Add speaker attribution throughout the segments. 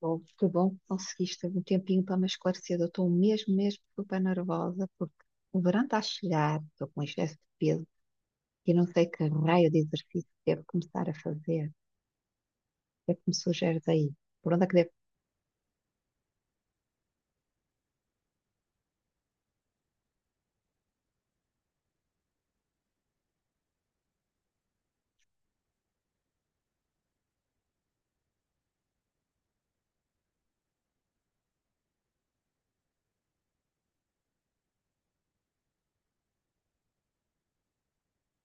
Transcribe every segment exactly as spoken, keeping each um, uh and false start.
Speaker 1: Oh, que bom que conseguiste um tempinho para me esclarecer. Eu estou mesmo, mesmo super nervosa porque o verão está a chegar, estou com um excesso de peso e não sei que raio de exercício devo começar a fazer. O que é que me sugeres aí? Por onde é que devo...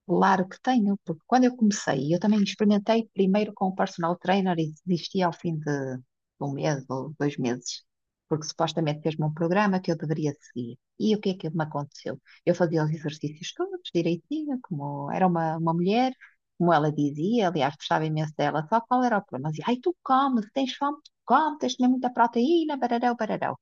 Speaker 1: Claro que tenho, porque quando eu comecei, eu também experimentei primeiro com o personal trainer e desisti ao fim de um mês ou dois meses, porque supostamente fez-me um programa que eu deveria seguir. E o que é que me aconteceu? Eu fazia os exercícios todos direitinho, como era uma, uma mulher, como ela dizia, aliás, gostava imenso dela, só qual era o problema? Ela dizia, ai, tu comes, tens fome, tu comes, tens de comer muita proteína, barará, barará.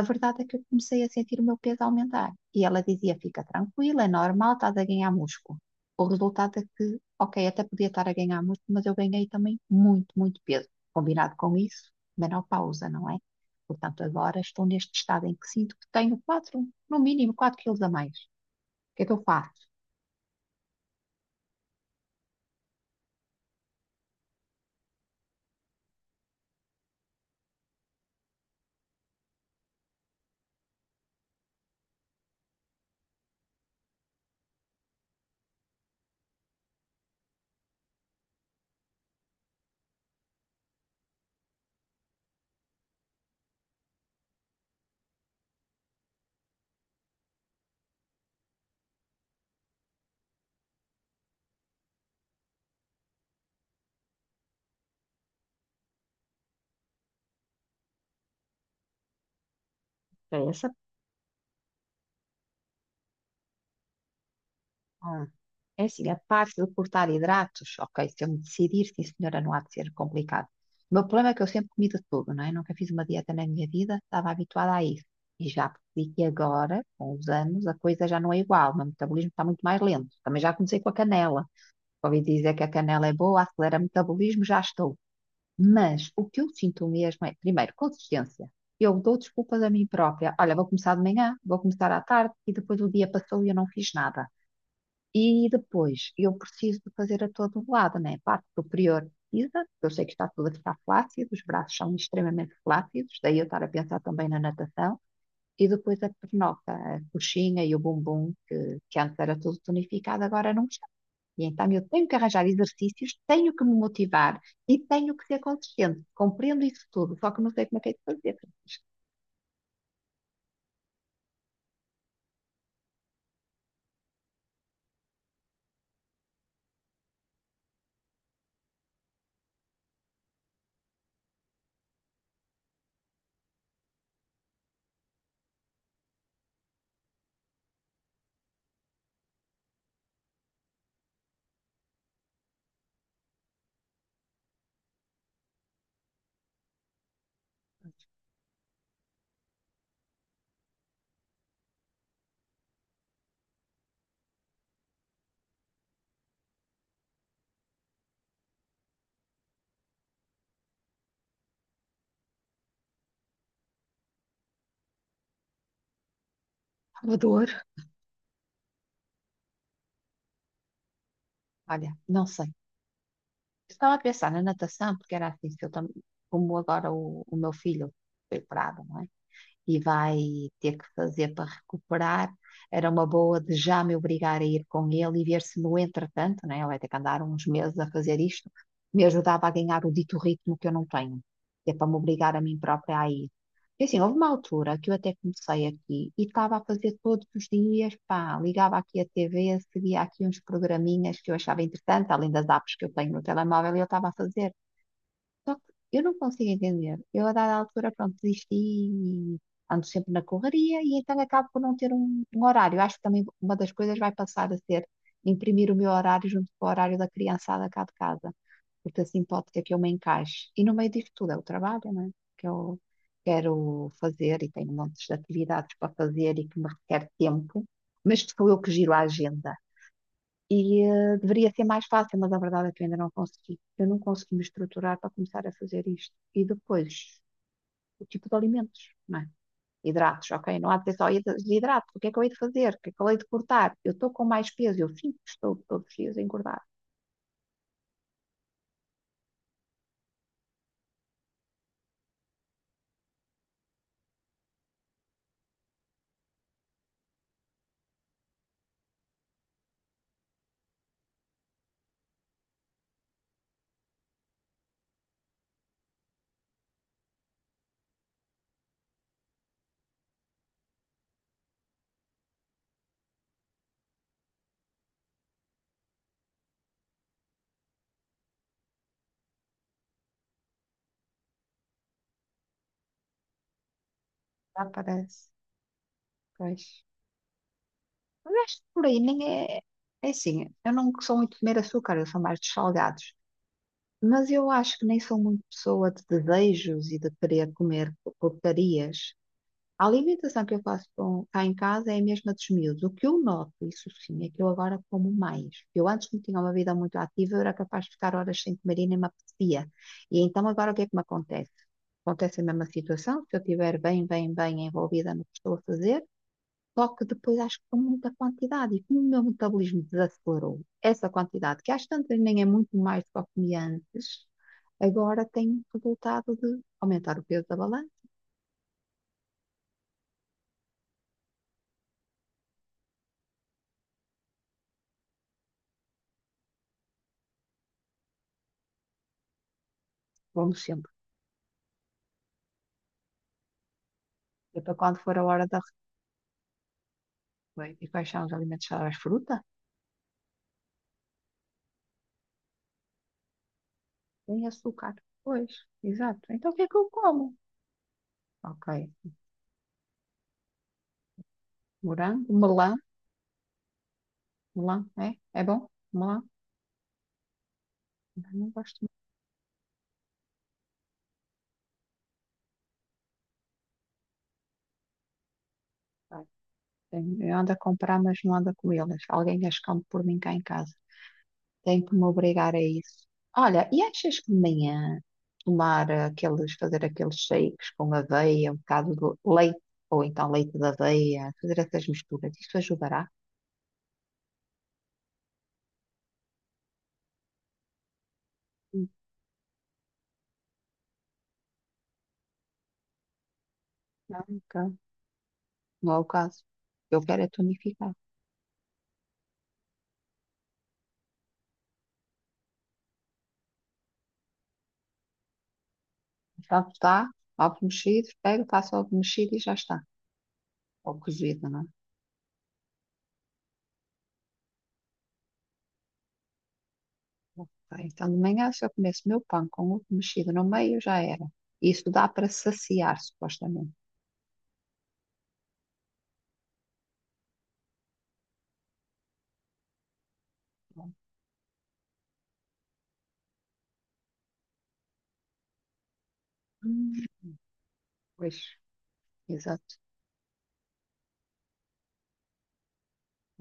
Speaker 1: A verdade é que eu comecei a sentir o meu peso aumentar. E ela dizia: fica tranquila, é normal, estás a ganhar músculo. O resultado é que, ok, até podia estar a ganhar músculo, mas eu ganhei também muito, muito peso. Combinado com isso, menopausa, não é? Portanto, agora estou neste estado em que sinto que tenho quatro, no mínimo quatro quilos a mais. O que é que eu faço? É essa... Ah, é assim, a parte de cortar hidratos, ok, se eu me decidir, sim senhora, não há de ser complicado. O meu problema é que eu sempre comi de tudo, não é? Nunca fiz uma dieta na minha vida, estava habituada a isso. E já percebi que agora, com os anos, a coisa já não é igual, o meu metabolismo está muito mais lento. Também já comecei com a canela. Ouvi dizer que a canela é boa, acelera o metabolismo, já estou. Mas o que eu sinto mesmo é, primeiro, consistência. Eu dou desculpas a mim própria. Olha, vou começar de manhã, vou começar à tarde e depois o dia passou e eu não fiz nada. E depois, eu preciso de fazer a todo lado, né? A parte superior precisa, porque eu sei que está tudo a ficar flácido, os braços são extremamente flácidos, daí eu estar a pensar também na natação. E depois a pernoca, a coxinha e o bumbum, que, que antes era tudo tonificado, agora não está. E então eu tenho que arranjar exercícios, tenho que me motivar e tenho que ser consistente. Compreendo isso tudo, só que não sei como é que é de fazer. Francisco. Salvador, olha, não sei. Estava a pensar na natação, porque era assim, se eu tam-... como agora o, o meu filho foi parado, não é? E vai ter que fazer para recuperar. Era uma boa de já me obrigar a ir com ele e ver se no entretanto, né, ele vai ter que andar uns meses a fazer isto, me ajudava a ganhar o dito ritmo que eu não tenho, que é para me obrigar a mim própria a ir. E assim, houve uma altura que eu até comecei aqui e estava a fazer todos os dias, pá, ligava aqui a T V, seguia aqui uns programinhas que eu achava interessante, além das apps que eu tenho no telemóvel, e eu estava a fazer. Só que eu não consigo entender. Eu, a dada altura, pronto, desisti e ando sempre na correria e então acabo por não ter um, um horário. Acho que também uma das coisas vai passar a ser imprimir o meu horário junto com o horário da criançada cá de casa, porque assim pode ser que eu me encaixe. E no meio disto tudo é o trabalho, né? Que eu quero fazer e tenho montes de atividades para fazer e que me requer tempo, mas que sou eu que giro a agenda. E eh, deveria ser mais fácil, mas a verdade é que eu ainda não consegui. Eu não consegui me estruturar para começar a fazer isto. E depois, o tipo de alimentos, não é? Hidratos, ok? Não há de ser só hid- hidratos. O que é que eu hei de fazer? O que é que eu hei de cortar? Eu estou com mais peso. Eu sinto que estou todos os dias a engordar. Ah, parece. Pois. Mas acho que por aí nem é. É assim, eu não sou muito de comer açúcar, eu sou mais dos salgados. Mas eu acho que nem sou muito pessoa de desejos e de querer comer porcarias. A alimentação que eu faço com- cá em casa é a mesma dos miúdos. O que eu noto, isso sim, é que eu agora como mais. Eu antes não tinha uma vida muito ativa, eu era capaz de ficar horas sem comer e nem me apetecia. E então agora o que é que me acontece? Acontece a mesma situação, se eu estiver bem, bem, bem envolvida no que estou a fazer, só que depois acho que com muita quantidade. E como o meu metabolismo desacelerou, essa quantidade, que às tantas nem é muito mais do que eu comia antes, agora tem resultado de aumentar o peso da balança, como sempre. E para quando for a hora da... Bem, e quais são os alimentos saudáveis? Fruta? Tem açúcar. Pois, exato. Então o que é que eu como? Ok. Morango, melão. Melão, é? É bom? Melão? Eu não gosto muito. Ai, tenho-... Eu ando a comprar, mas não ando a comê-las. Alguém as come por mim cá em casa. Tenho que me obrigar a isso. Olha, e achas que de manhã tomar aqueles, fazer aqueles shakes com aveia, um bocado de leite, ou então leite de aveia, fazer essas misturas, isso ajudará? Hum. Não, nunca. Não é o caso. Eu quero é tonificar. Pronto, dá ovo mexido, pego, faço ovo mexido e já está. Ou cozido, não é? Ok. Então, de manhã, se eu comesse meu pão com ovo mexido no meio, já era. Isso dá para saciar, supostamente. Hum. Pois, exato.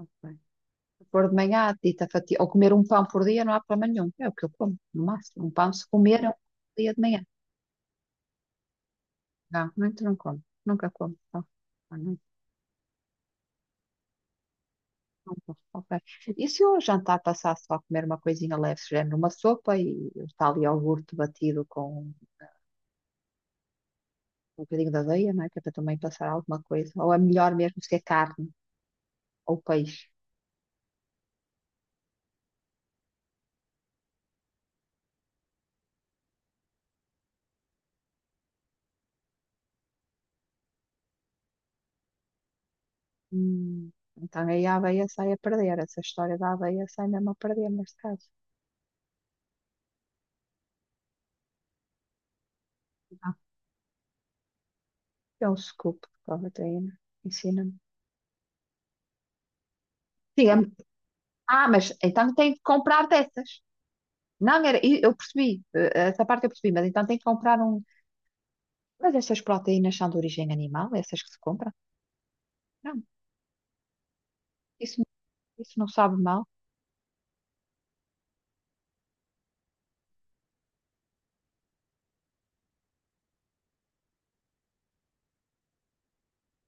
Speaker 1: Ok. Pôr de manhã a dita fatia, ou comer um pão por dia, não há problema nenhum. É o que eu como, no máximo. Um pão, se comer, é um dia de manhã. Não, muito não como. Nunca como. Não. Ok. E se o jantar passasse só a comer uma coisinha leve, género uma sopa e está ali iogurte batido com um bocadinho de aveia, não é? Que é para também passar alguma coisa. Ou é melhor mesmo se é carne ou peixe. Hum. Então aí a aveia sai a perder. Essa história da aveia sai mesmo a perder neste caso. Ah, é um scoop de proteína. Ensina-me. Diga-me. Ah, mas então tem que comprar dessas. Não, era, e eu percebi, eh, essa parte eu percebi, mas então tem que comprar um. Mas estas proteínas são de origem animal, essas que se compram? Não, isso, isso não sabe mal.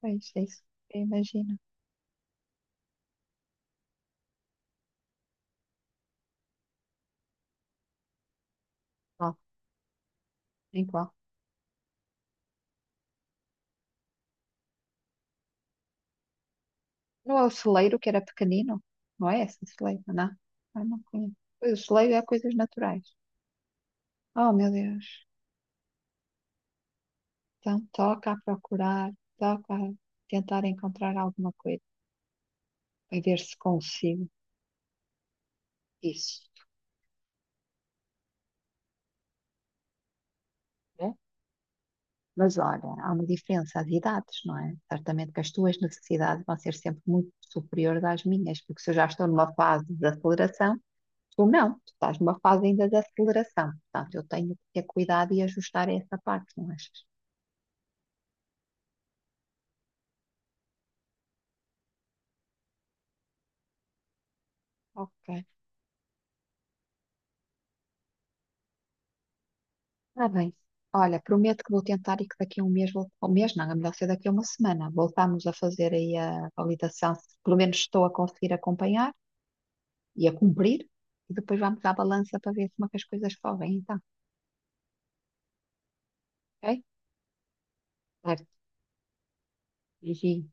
Speaker 1: Pois é isso, eu imagino. Ó, igual. Não é o celeiro que era pequenino? Não é esse celeiro, não? Ah, não conheço. Pois, o celeiro é coisas naturais. Oh, meu Deus. Então, toca a procurar, toca a tentar encontrar alguma coisa e ver se consigo isso. Né? Mas olha, há uma diferença de idades, não é? Certamente que as tuas necessidades vão ser sempre muito superiores às minhas, porque se eu já estou numa fase de aceleração, tu não, tu estás numa fase ainda de aceleração. Portanto, eu tenho que ter cuidado e ajustar essa parte, não achas? Ok. Está bem. Olha, prometo que vou tentar e que daqui a um mês, vou- um mês não, é melhor ser daqui a uma semana, voltamos a fazer aí a validação, se pelo menos estou a conseguir acompanhar e a cumprir, e depois vamos à balança para ver como é que as coisas correm, então, ok? Certo. Beijinho.